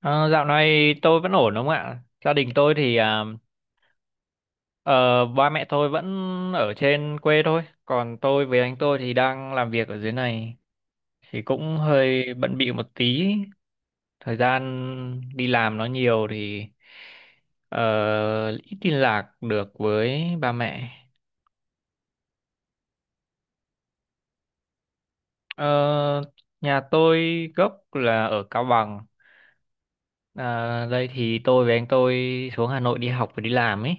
Ờ, Dạo này tôi vẫn ổn đúng không ạ? Gia đình tôi thì ba mẹ tôi vẫn ở trên quê thôi, còn tôi với anh tôi thì đang làm việc ở dưới này, thì cũng hơi bận bịu một tí. Thời gian đi làm nó nhiều thì ờ, ít liên lạc được với ba mẹ. Ờ, Nhà tôi gốc là ở Cao Bằng, đây thì tôi với anh tôi xuống Hà Nội đi học và đi làm ấy.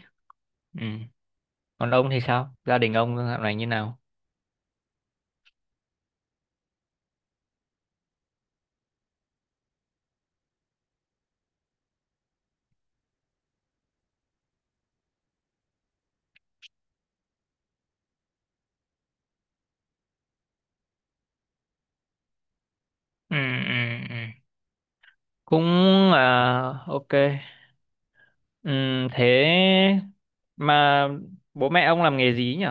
Ừ. Còn ông thì sao, gia đình ông dạo này như nào? Ừ, ừ, ừ, cũng, à, ok, ừ, thế mà bố mẹ ông làm nghề gì nhỉ?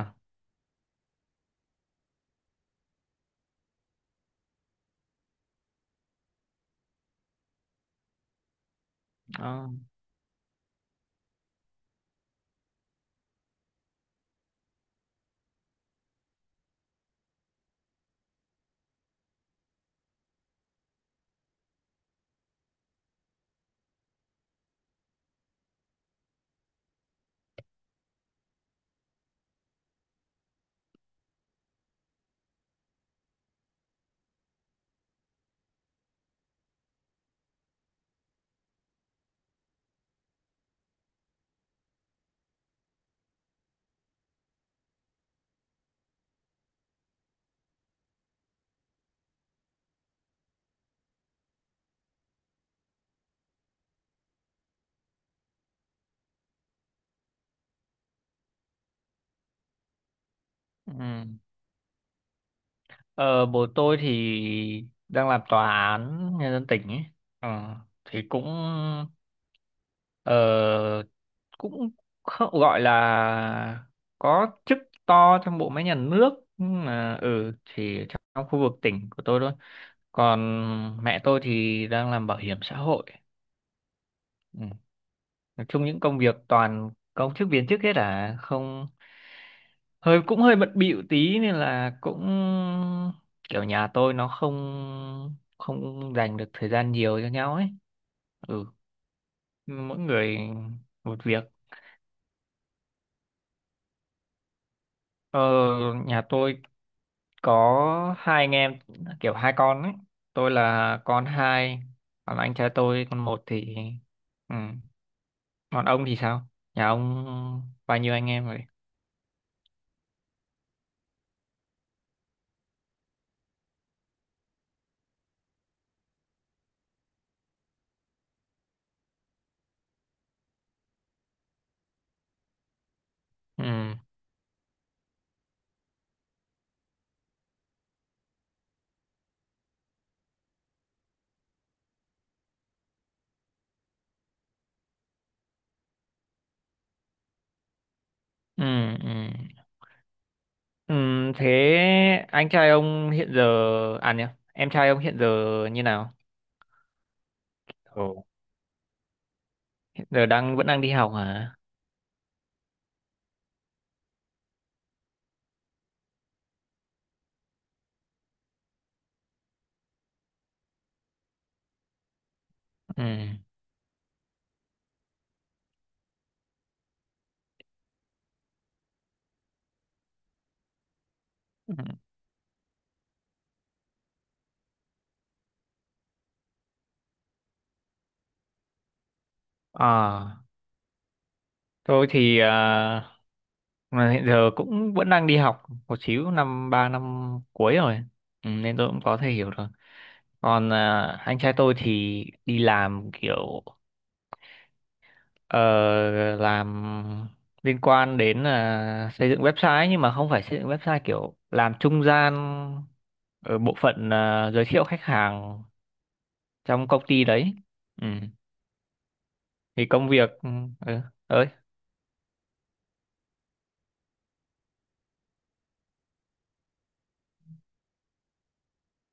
Ờ, ừ. Ờ, Bố tôi thì đang làm tòa án nhân dân tỉnh ấy. Ờ, thì cũng, ờ, cũng không gọi là có chức to trong bộ máy nhà nước, nhưng mà ừ thì trong khu vực tỉnh của tôi thôi. Còn mẹ tôi thì đang làm bảo hiểm xã hội. Ừ, nói chung những công việc toàn công chức viên chức hết, à không, hơi cũng hơi bận bịu tí nên là cũng kiểu nhà tôi nó không không dành được thời gian nhiều cho nhau ấy. Ừ, mỗi người một việc. ờ, Nhà tôi có hai anh em, kiểu hai con ấy. Tôi là con hai, còn anh trai tôi con một thì ừ. Còn ông thì sao, nhà ông bao nhiêu anh em rồi? Ừ, ừ, ừ. Thế anh trai ông hiện giờ, à nhỉ, em trai ông hiện giờ như nào? Ồ. Hiện giờ đang vẫn đang đi học hả? Ừ. Ừ. À, tôi thì à, mà hiện giờ cũng vẫn đang đi học một xíu, năm ba năm cuối rồi. Ừ, nên tôi cũng có thể hiểu rồi. Còn à, anh trai tôi thì đi làm kiểu ờ, làm liên quan đến là xây dựng website, nhưng mà không phải xây dựng website kiểu làm trung gian ở bộ phận, à, giới thiệu khách hàng trong công ty đấy. Ừ. Thì công việc ừ, ơi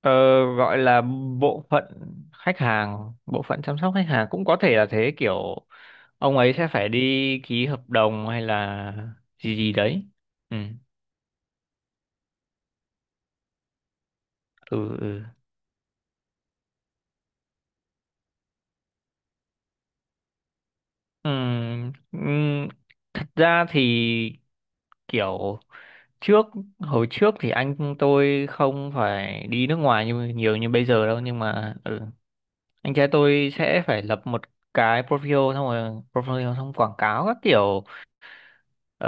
ờ, gọi là bộ phận khách hàng, bộ phận chăm sóc khách hàng cũng có thể là thế, kiểu ông ấy sẽ phải đi ký hợp đồng hay là gì gì đấy. Ừ. Ừ, ừ. Ừm, ừm, thật ra thì kiểu trước, hồi trước thì anh tôi không phải đi nước ngoài như nhiều như bây giờ đâu, nhưng mà ừ, anh trai tôi sẽ phải lập một cái profile, xong rồi profile xong quảng cáo các kiểu, ờ,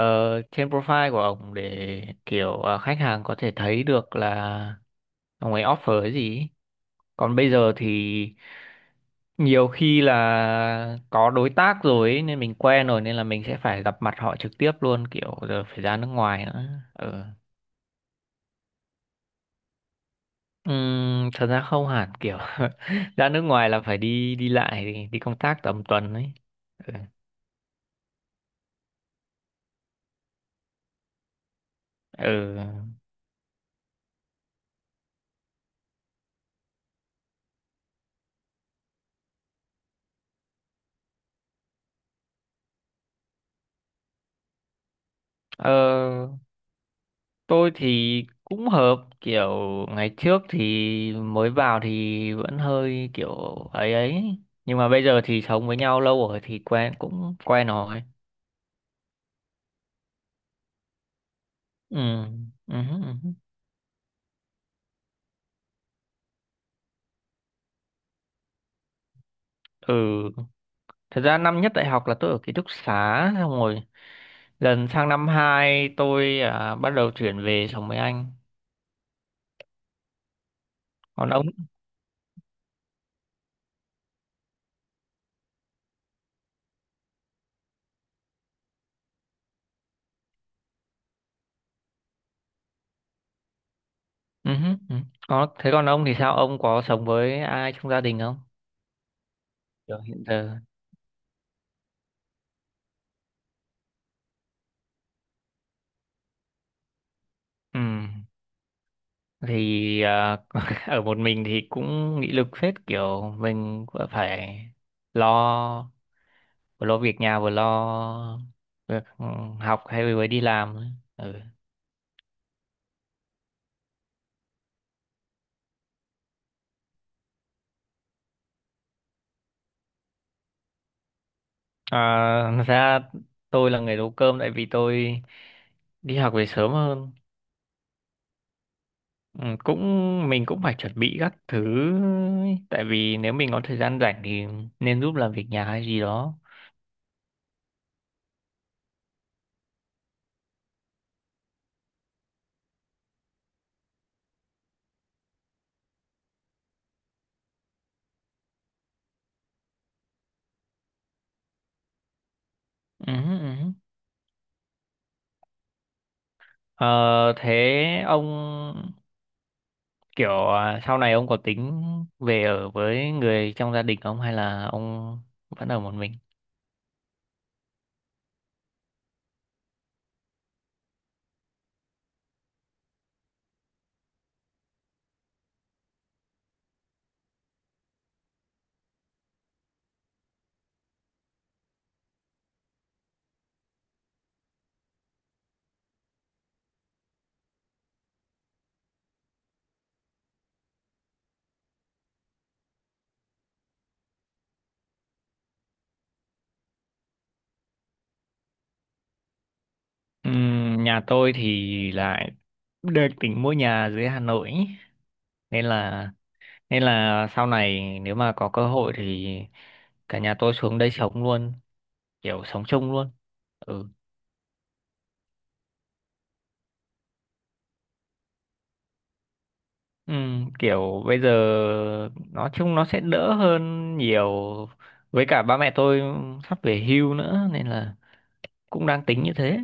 trên profile của ông để kiểu, khách hàng có thể thấy được là ông ấy offer cái gì. Còn bây giờ thì nhiều khi là có đối tác rồi ấy, nên mình quen rồi nên là mình sẽ phải gặp mặt họ trực tiếp luôn, kiểu giờ phải ra nước ngoài nữa. Ừ. Thật ra không hẳn, kiểu ra nước ngoài là phải đi đi lại, đi công tác tầm tuần ấy. Ừ. Ừ. Ờ, tôi thì cũng hợp, kiểu ngày trước thì mới vào thì vẫn hơi kiểu ấy ấy, nhưng mà bây giờ thì sống với nhau lâu rồi thì quen cũng quen rồi. Ừ. Ừ. Ừ. Ừ. Thật ra năm nhất đại học là tôi ở ký túc xá, xong rồi lần sang năm 2 tôi à, bắt đầu chuyển về sống với anh. Còn ông? Ừ, hứ, ừ. Còn, thế còn ông thì sao? Ông có sống với ai trong gia đình không? Giờ hiện giờ. Ừ. Thì à, ở một mình thì cũng nghị lực phết, kiểu mình vừa phải lo, vừa lo việc nhà, vừa lo việc học, hay vừa đi làm ấy. Ừ. À, thật ra tôi là người nấu cơm, tại vì tôi đi học về sớm hơn. Ừ, cũng mình cũng phải chuẩn bị các thứ ấy. Tại vì nếu mình có thời gian rảnh thì nên giúp làm việc nhà hay gì đó. Ừ, ừ. Ờ, thế ông kiểu à, sau này ông có tính về ở với người trong gia đình không, hay là ông vẫn ở một mình? Ừ, nhà tôi thì lại được tính mua nhà dưới Hà Nội ý. Nên là, nên là sau này nếu mà có cơ hội thì cả nhà tôi xuống đây sống luôn, kiểu sống chung luôn. Ừ. Ừ, kiểu bây giờ nói chung nó sẽ đỡ hơn nhiều, với cả ba mẹ tôi sắp về hưu nữa nên là cũng đang tính như thế.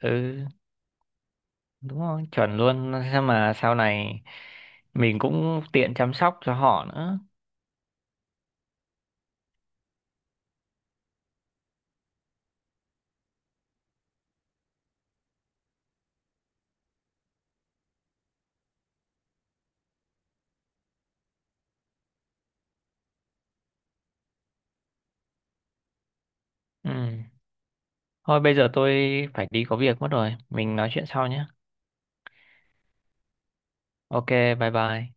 Ừ, đúng rồi, chuẩn luôn. Sao mà sau này mình cũng tiện chăm sóc cho họ nữa. Ừ. Thôi bây giờ tôi phải đi có việc mất rồi. Mình nói chuyện sau nhé. Ok, bye bye.